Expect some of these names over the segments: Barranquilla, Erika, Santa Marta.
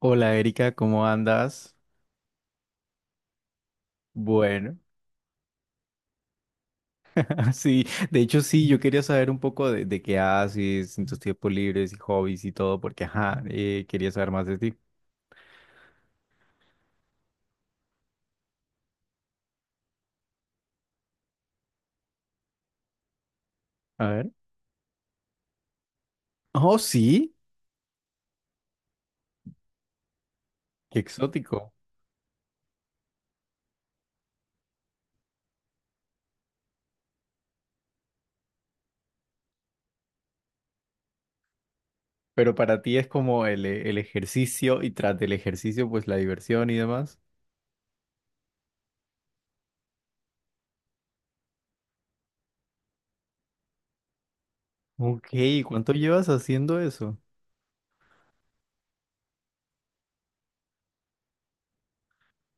Hola, Erika, ¿cómo andas? Bueno, sí, de hecho sí, yo quería saber un poco de qué haces en tus tiempos libres y hobbies y todo, porque ajá, quería saber más de ti. A ver. Oh, sí, qué exótico. Pero para ti es como el ejercicio y tras del ejercicio, pues la diversión y demás. Ok, ¿cuánto llevas haciendo eso?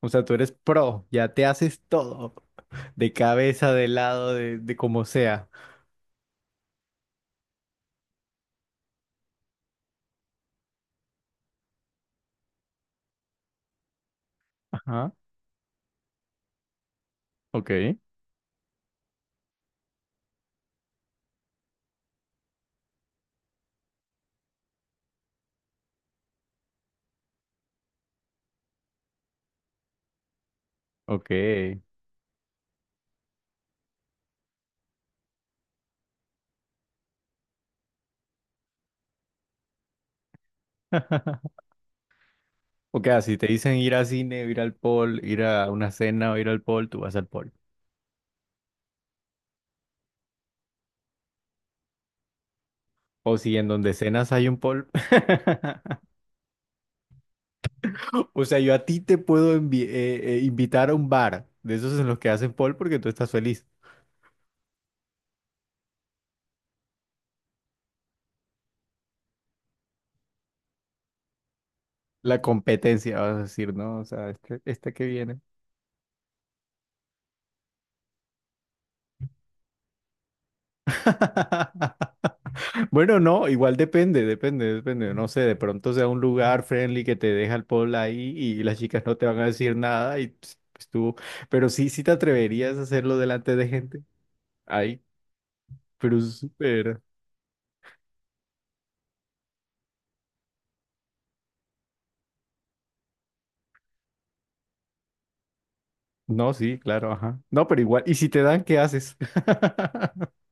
O sea, tú eres pro, ya te haces todo, de cabeza, de lado, de como sea. Ajá, ok, ok. O sea, si te dicen ir al cine, ir al pool, ir a una cena o ir al pool, tú vas al pool. O si en donde cenas hay un pool. O sea, yo a ti te puedo invitar a un bar de esos en los que hacen pool porque tú estás feliz. La competencia, vas a decir, ¿no? O sea, este que viene. Bueno, no, igual depende. No sé, de pronto sea un lugar friendly que te deja el pool ahí y las chicas no te van a decir nada y pues, pues, tú. Pero sí, sí te atreverías a hacerlo delante de gente. Ay, pero es súper. No, sí, claro, ajá. No, pero igual, ¿y si te dan, qué haces?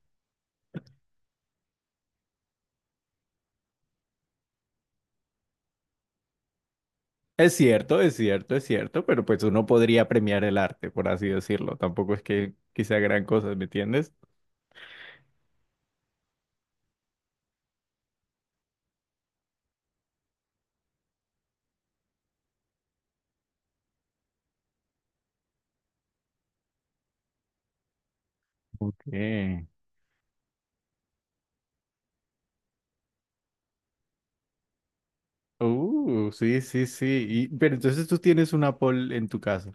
Es cierto, pero pues uno podría premiar el arte, por así decirlo. Tampoco es que sea gran cosa, ¿me entiendes? Ok. Sí, sí, sí. Y, pero entonces tú tienes una pole en tu casa.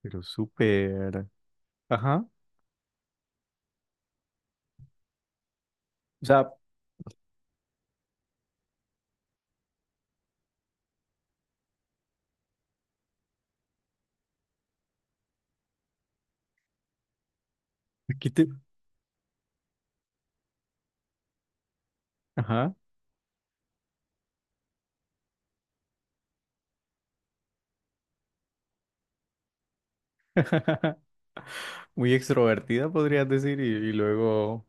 Pero súper. Ajá. O sea, aquí te. Ajá. Muy extrovertida, podrías decir, y luego.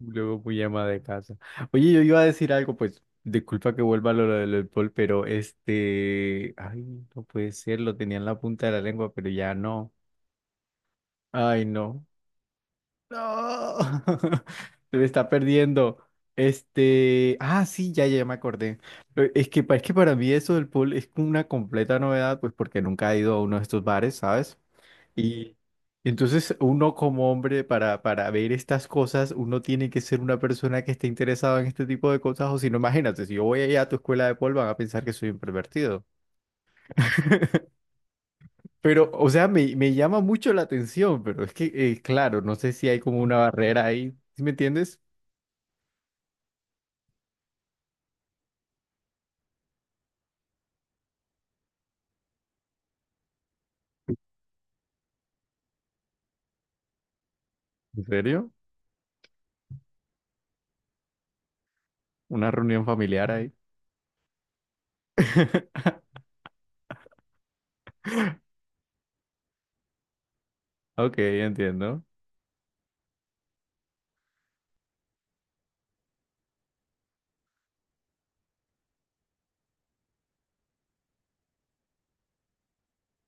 Luego muy ama de casa. Oye, yo iba a decir algo, pues, disculpa que vuelva a lo del alcohol, pero ay, no puede ser, lo tenía en la punta de la lengua, pero ya no. Ay, no. No. Se me está perdiendo. Ah, sí, ya me acordé. Es que, es que para mí eso del pool es una completa novedad, pues porque nunca he ido a uno de estos bares, ¿sabes? Y entonces uno como hombre para ver estas cosas, uno tiene que ser una persona que esté interesada en este tipo de cosas, o si no, imagínate, si yo voy allá a tu escuela de pol van a pensar que soy un pervertido. Pero, o sea, me llama mucho la atención, pero es que, claro, no sé si hay como una barrera ahí, ¿sí me entiendes? ¿En serio? ¿Una reunión familiar ahí? Ok, entiendo.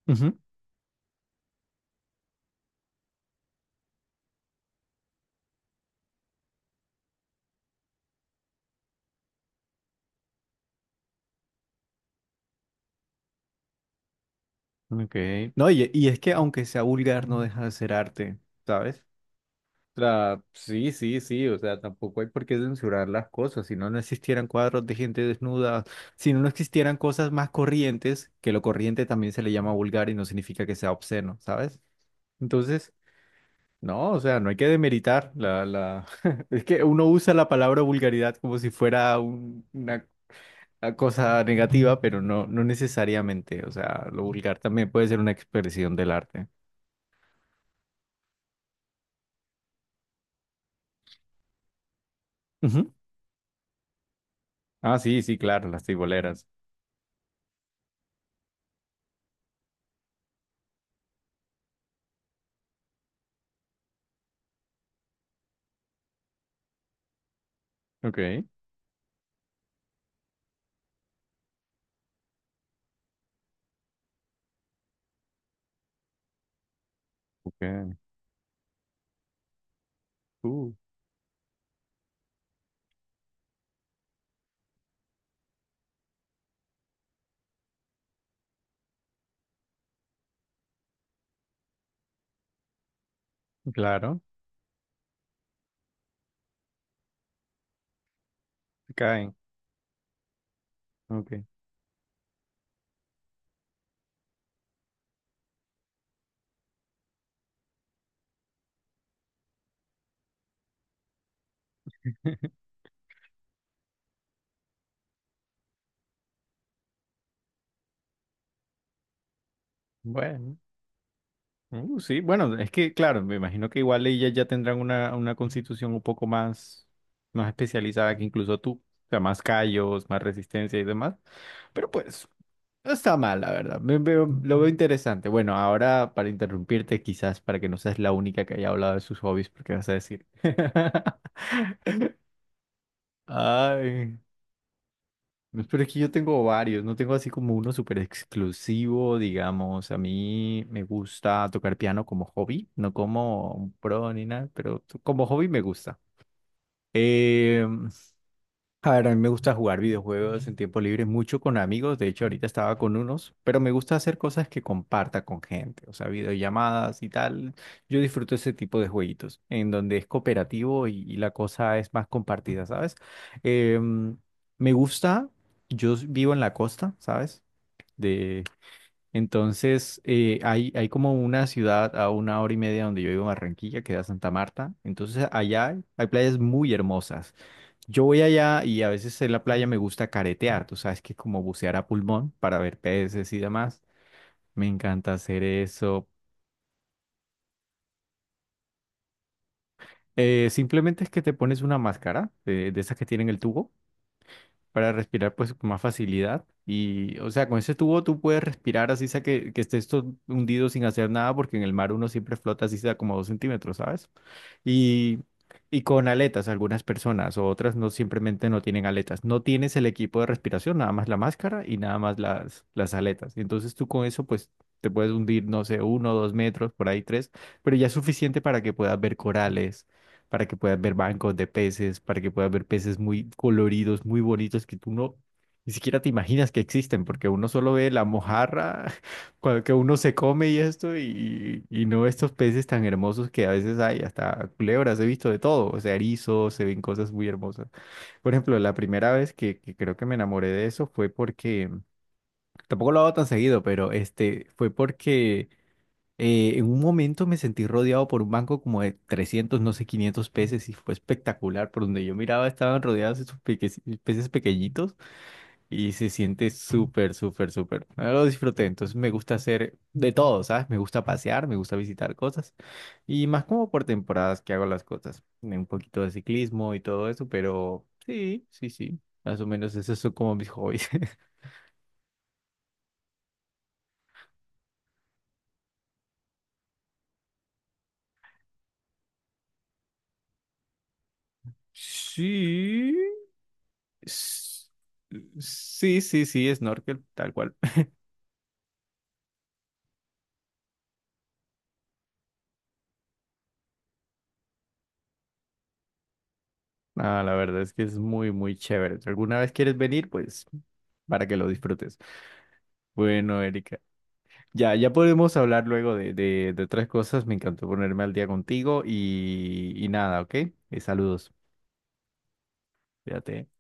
Ujú. Ok. No, y es que aunque sea vulgar, no deja de ser arte, ¿sabes? La, sí, sí, sí, o sea, tampoco hay por qué censurar las cosas. Si no, no existieran cuadros de gente desnuda, si no, no existieran cosas más corrientes, que lo corriente también se le llama vulgar y no significa que sea obsceno, ¿sabes? Entonces, no, o sea, no hay que demeritar la... Es que uno usa la palabra vulgaridad como si fuera una cosa negativa, pero no, no necesariamente. O sea, lo vulgar también puede ser una expresión del arte. Ujú. Ah, sí, sí, claro, las tiboleras. Ok. Ok. Uh. Claro, se caen. Ok. Bueno, sí, bueno, es que claro, me imagino que igual ellas ya tendrán una constitución un poco más, más especializada que incluso tú, o sea, más callos, más resistencia y demás, pero pues no está mal, la verdad, me veo- lo veo interesante. Bueno, ahora para interrumpirte quizás, para que no seas la única que haya hablado de sus hobbies, porque vas a decir. Ay. No, pero es que yo tengo varios, no tengo así como uno súper exclusivo, digamos. A mí me gusta tocar piano como hobby, no como un pro ni nada, pero como hobby me gusta. Em, a ver, a mí me gusta jugar videojuegos en tiempo libre mucho con amigos. De hecho, ahorita estaba con unos, pero me gusta hacer cosas que comparta con gente, o sea, videollamadas y tal. Yo disfruto ese tipo de jueguitos en donde es cooperativo y la cosa es más compartida, ¿sabes? Em, me gusta, vivo en la costa, ¿sabes? De, entonces, hay como una ciudad a una hora y media donde yo vivo, en Barranquilla, que da Santa Marta. Entonces, allá hay playas muy hermosas. Yo voy allá y a veces en la playa me gusta caretear, tú sabes que como bucear a pulmón para ver peces y demás, me encanta hacer eso. Simplemente es que te pones una máscara de esas que tienen el tubo para respirar pues con más facilidad y o sea, con ese tubo tú puedes respirar así sea que estés todo hundido sin hacer nada porque en el mar uno siempre flota así sea como 2 centímetros, ¿sabes? y, y con aletas algunas personas o otras no simplemente no tienen aletas. No tienes el equipo de respiración, nada más la máscara y nada más las aletas. Y entonces tú con eso pues te puedes hundir, no sé, uno, 2 metros, por ahí tres, pero ya es suficiente para que puedas ver corales, para que puedas ver bancos de peces, para que puedas ver peces muy coloridos, muy bonitos que tú no... Ni siquiera te imaginas que existen, porque uno solo ve la mojarra cuando que uno se come y esto, y no estos peces tan hermosos que a veces hay, hasta culebras, he visto de todo, o sea, erizos, se ven cosas muy hermosas. Por ejemplo, la primera vez que creo que me enamoré de eso fue porque, tampoco lo hago tan seguido, pero este, fue porque en un momento me sentí rodeado por un banco como de 300 no sé, 500 peces y fue espectacular, por donde yo miraba estaban rodeados peces pequeñitos y se siente súper, súper, súper. Ah, lo disfruté, entonces me gusta hacer de todo, ¿sabes? Me gusta pasear, me gusta visitar cosas. Y más como por temporadas que hago las cosas. Un poquito de ciclismo y todo eso, pero sí, sí, sí. Más o menos esos son como mis hobbies. Sí. s- Sí, sí, sí, snorkel, tal cual. Ah, la verdad es que es muy, muy chévere. Si alguna vez quieres venir, pues para que lo disfrutes. Bueno, Erika. Ya, ya podemos hablar luego de otras cosas. Me encantó ponerme al día contigo y nada, ¿ok? Y saludos. Fíjate.